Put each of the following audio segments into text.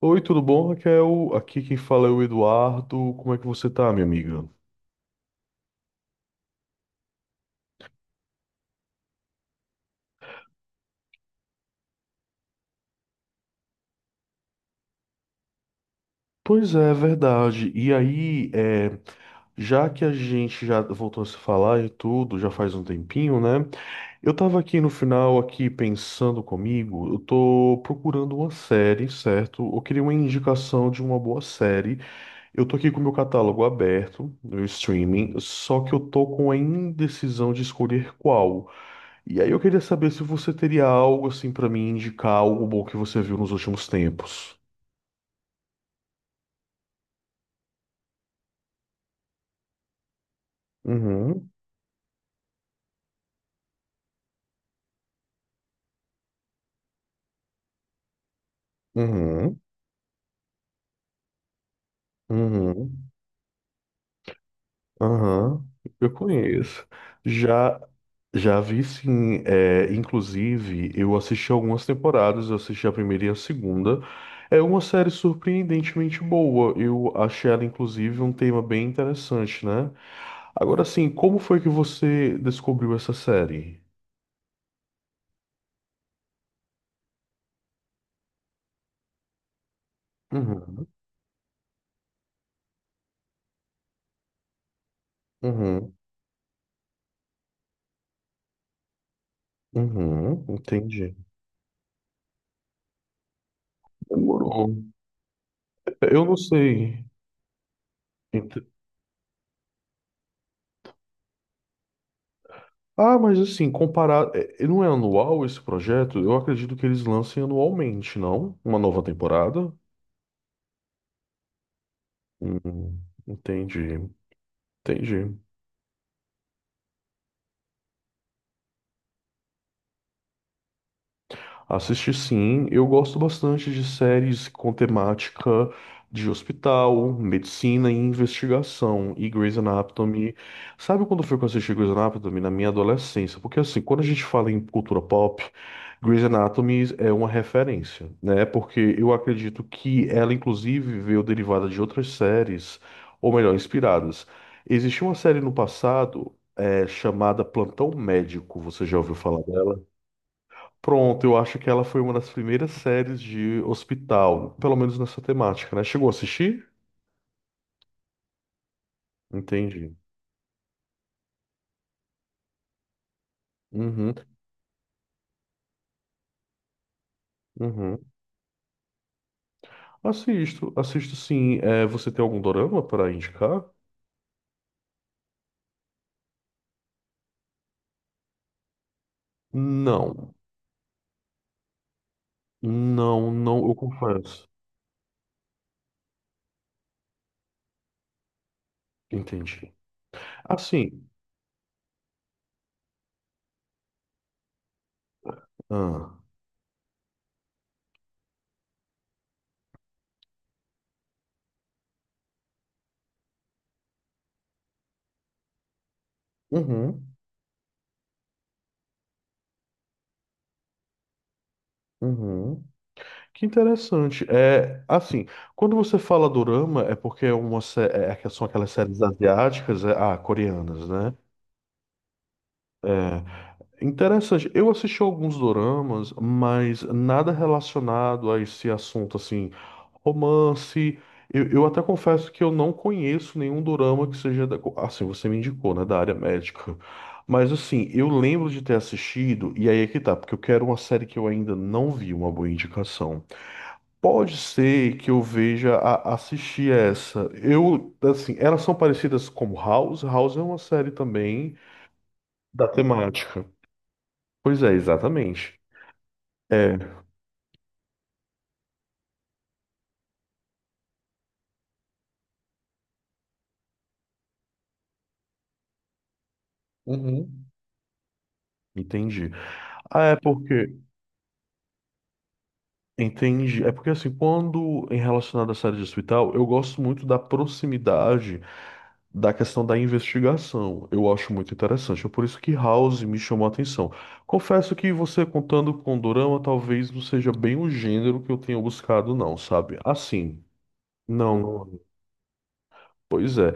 Oi, tudo bom, Raquel? Aqui quem fala é o Eduardo. Como é que você tá, minha amiga? Pois é, verdade. E aí, já que a gente já voltou a se falar e tudo, já faz um tempinho, né? Eu tava aqui no final, aqui pensando comigo, eu tô procurando uma série, certo? Eu queria uma indicação de uma boa série. Eu tô aqui com o meu catálogo aberto, no streaming, só que eu tô com a indecisão de escolher qual. E aí eu queria saber se você teria algo assim pra mim indicar algo bom que você viu nos últimos tempos. Uhum, uhum, uhum, aham. Eu conheço. Já já vi sim, é, inclusive eu assisti algumas temporadas, eu assisti a primeira e a segunda. É uma série surpreendentemente boa. Eu achei ela inclusive um tema bem interessante, né? Agora sim, como foi que você descobriu essa série? Uhum, uhum, uhum, entendi. Demorou. Eu não sei. Ent- Ah, mas assim, comparado. Não é anual esse projeto? Eu acredito que eles lancem anualmente, não? Uma nova temporada? Hum, entendi, entendi. Assisti sim, eu gosto bastante de séries com temática de hospital, medicina e investigação. E Grey's Anatomy. Sabe quando foi que eu assisti Grey's Anatomy? Na minha adolescência. Porque assim, quando a gente fala em cultura pop, Grey's Anatomy é uma referência, né? Porque eu acredito que ela, inclusive, veio derivada de outras séries, ou melhor, inspiradas. Existia uma série no passado, chamada Plantão Médico, você já ouviu falar dela? Pronto, eu acho que ela foi uma das primeiras séries de hospital, pelo menos nessa temática, né? Chegou a assistir? Entendi. Uhum, uhum. Assisto, assisto sim. É, você tem algum dorama para indicar? Não, não, não, eu confesso. Entendi. Assim, ah, uhum, uhum. Que interessante. É, assim, quando você fala dorama, é porque é uma, é que são aquelas séries asiáticas, coreanas, né? É. Interessante. Eu assisti alguns doramas, mas nada relacionado a esse assunto, assim, romance. Eu até confesso que eu não conheço nenhum dorama que seja da, assim, você me indicou, né, da área médica. Mas assim, eu lembro de ter assistido, e aí é que tá, porque eu quero uma série que eu ainda não vi, uma boa indicação. Pode ser que eu veja a, assistir essa. Eu, assim, elas são parecidas como House. House é uma série também da temática. Pois é, exatamente. É, uhum, entendi. Ah, é porque, entendi. É porque assim, quando em relacionado à série de hospital, eu gosto muito da proximidade da questão da investigação. Eu acho muito interessante. É por isso que House me chamou a atenção. Confesso que você contando com Dorama, talvez não seja bem o gênero que eu tenha buscado, não, sabe? Assim, não. não- Pois é.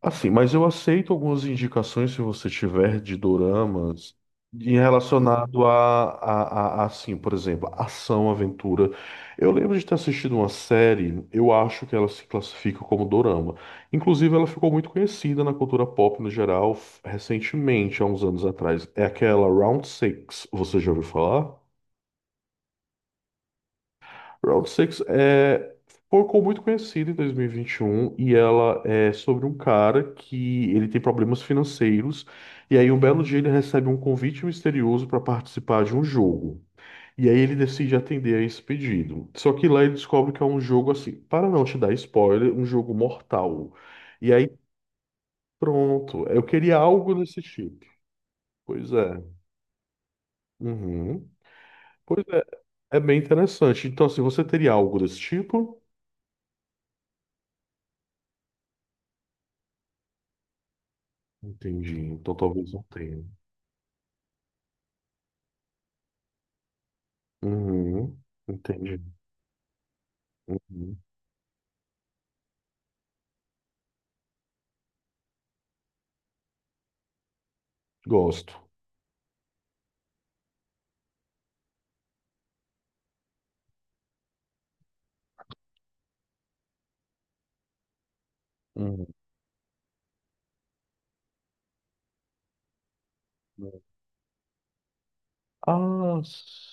Assim, mas eu aceito algumas indicações se você tiver de doramas em relacionado a, assim, por exemplo, ação, aventura. Eu lembro de ter assistido uma série, eu acho que ela se classifica como dorama. Inclusive, ela ficou muito conhecida na cultura pop no geral recentemente, há uns anos atrás. É aquela Round Six, você já ouviu falar? Round Six é, ficou muito conhecida em 2021 e ela é sobre um cara que ele tem problemas financeiros e aí um belo dia ele recebe um convite misterioso para participar de um jogo. E aí ele decide atender a esse pedido. Só que lá ele descobre que é um jogo assim, para não te dar spoiler, um jogo mortal. E aí pronto, eu queria algo desse tipo. Pois é. Uhum. Pois é, é bem interessante. Então, assim, você teria algo desse tipo? Entendi. Então talvez não tenha. Uhum. Entendi. Uhum. Gosto. Uhum. Ah,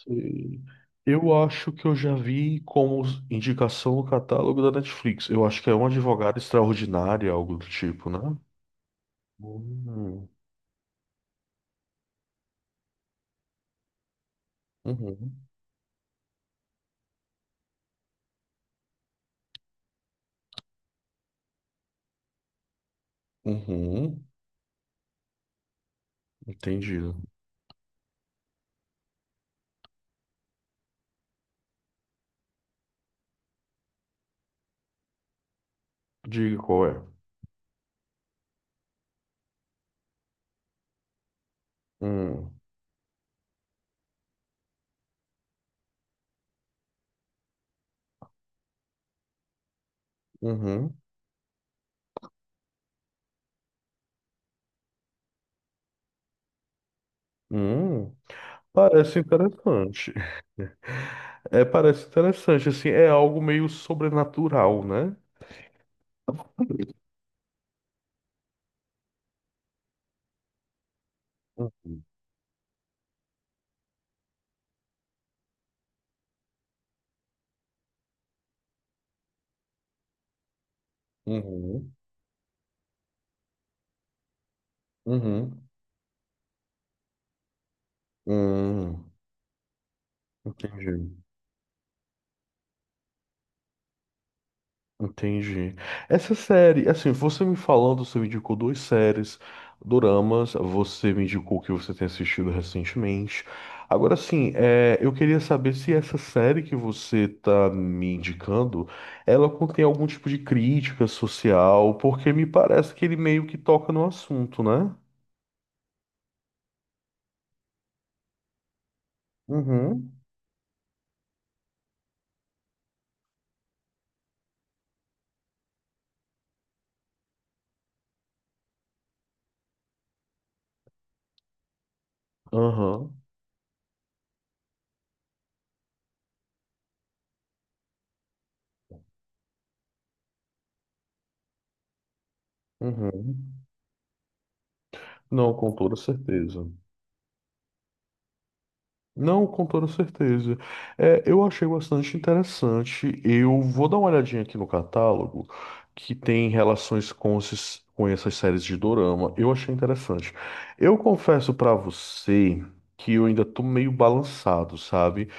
sei. Eu acho que eu já vi como indicação no catálogo da Netflix. Eu acho que é uma advogada extraordinária, algo do tipo, né? Uhum. Uhum. Uhum. Entendido. Diga qual é. Hum. Uhum. Hum. Parece interessante. É, parece interessante, assim, é algo meio sobrenatural, né? Uhum. Uhum. Uhum. Hum, entendi, entendi. Essa série, assim, você me falando, você me indicou duas séries, doramas, você me indicou que você tem assistido recentemente. Agora, assim, eu queria saber se essa série que você tá me indicando, ela contém algum tipo de crítica social, porque me parece que ele meio que toca no assunto, né? Uhum, aham, uhum. Não, com toda certeza. Não, com toda certeza. É, eu achei bastante interessante. Eu vou dar uma olhadinha aqui no catálogo que tem relações com, com essas séries de dorama. Eu achei interessante. Eu confesso pra você que eu ainda tô meio balançado, sabe?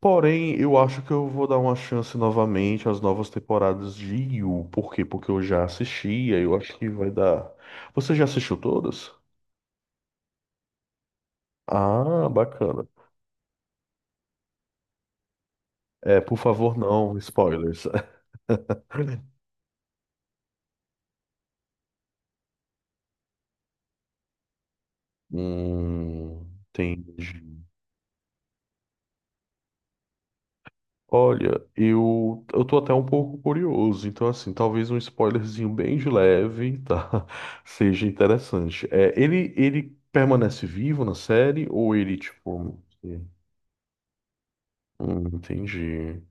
Porém, eu acho que eu vou dar uma chance novamente às novas temporadas de Yu. Por quê? Porque eu já assisti, aí eu acho que vai dar. Você já assistiu todas? Ah, bacana. É, por favor, não, spoilers. Entendi. Olha, eu tô até um pouco curioso, então assim, talvez um spoilerzinho bem de leve, tá? Seja interessante. É, ele permanece vivo na série ou ele, tipo... entendi.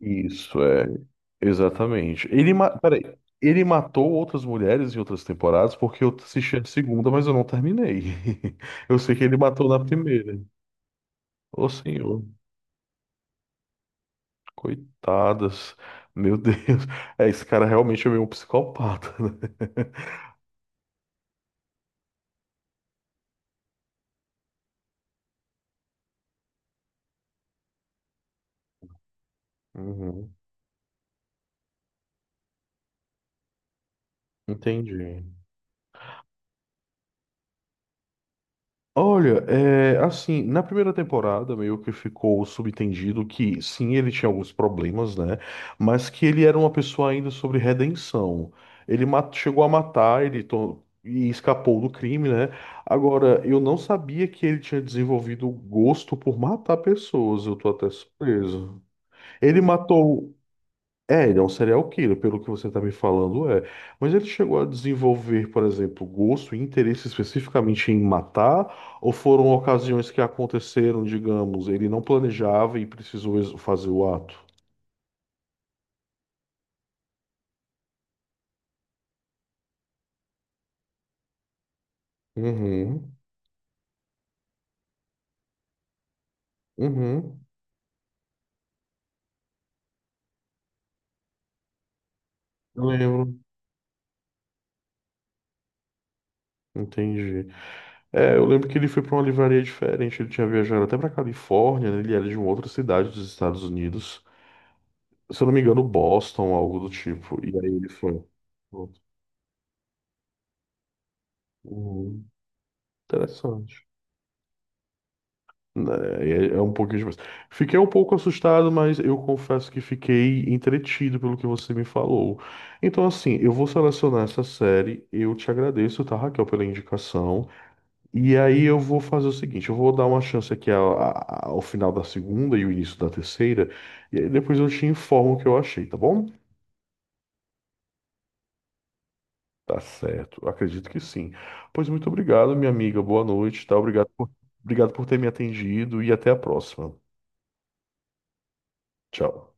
Isso, é, exatamente. Ele, peraí, ele matou outras mulheres em outras temporadas porque eu assisti a segunda, mas eu não terminei. Eu sei que ele matou na primeira. Ô, senhor. Coitadas. Meu Deus. É, esse cara realmente é meio um psicopata, né? Uhum. Entendi. Olha, é, assim, na primeira temporada meio que ficou subentendido que sim, ele tinha alguns problemas, né? Mas que ele era uma pessoa ainda sobre redenção. Ele chegou a matar, e escapou do crime, né? Agora, eu não sabia que ele tinha desenvolvido gosto por matar pessoas, eu tô até surpreso. Ele matou. É, ele é um serial killer, pelo que você está me falando, é. Mas ele chegou a desenvolver, por exemplo, gosto e interesse especificamente em matar, ou foram ocasiões que aconteceram, digamos, ele não planejava e precisou fazer o ato? Uhum, uhum. Eu lembro. Entendi. É, eu lembro que ele foi para uma livraria diferente, ele tinha viajado até para Califórnia, né? Ele era de uma outra cidade dos Estados Unidos, se eu não me engano, Boston, algo do tipo. E aí ele foi. Uhum. Interessante. Né, É, é um pouquinho demais. Fiquei um pouco assustado, mas eu confesso que fiquei entretido pelo que você me falou. Então, assim, eu vou selecionar essa série. Eu te agradeço, tá, Raquel, pela indicação. E aí eu vou fazer o seguinte: eu vou dar uma chance aqui ao, ao final da segunda e o início da terceira. E aí depois eu te informo o que eu achei, tá bom? Tá certo, acredito que sim. Pois muito obrigado, minha amiga. Boa noite, tá? Obrigado por ter me atendido e até a próxima. Tchau.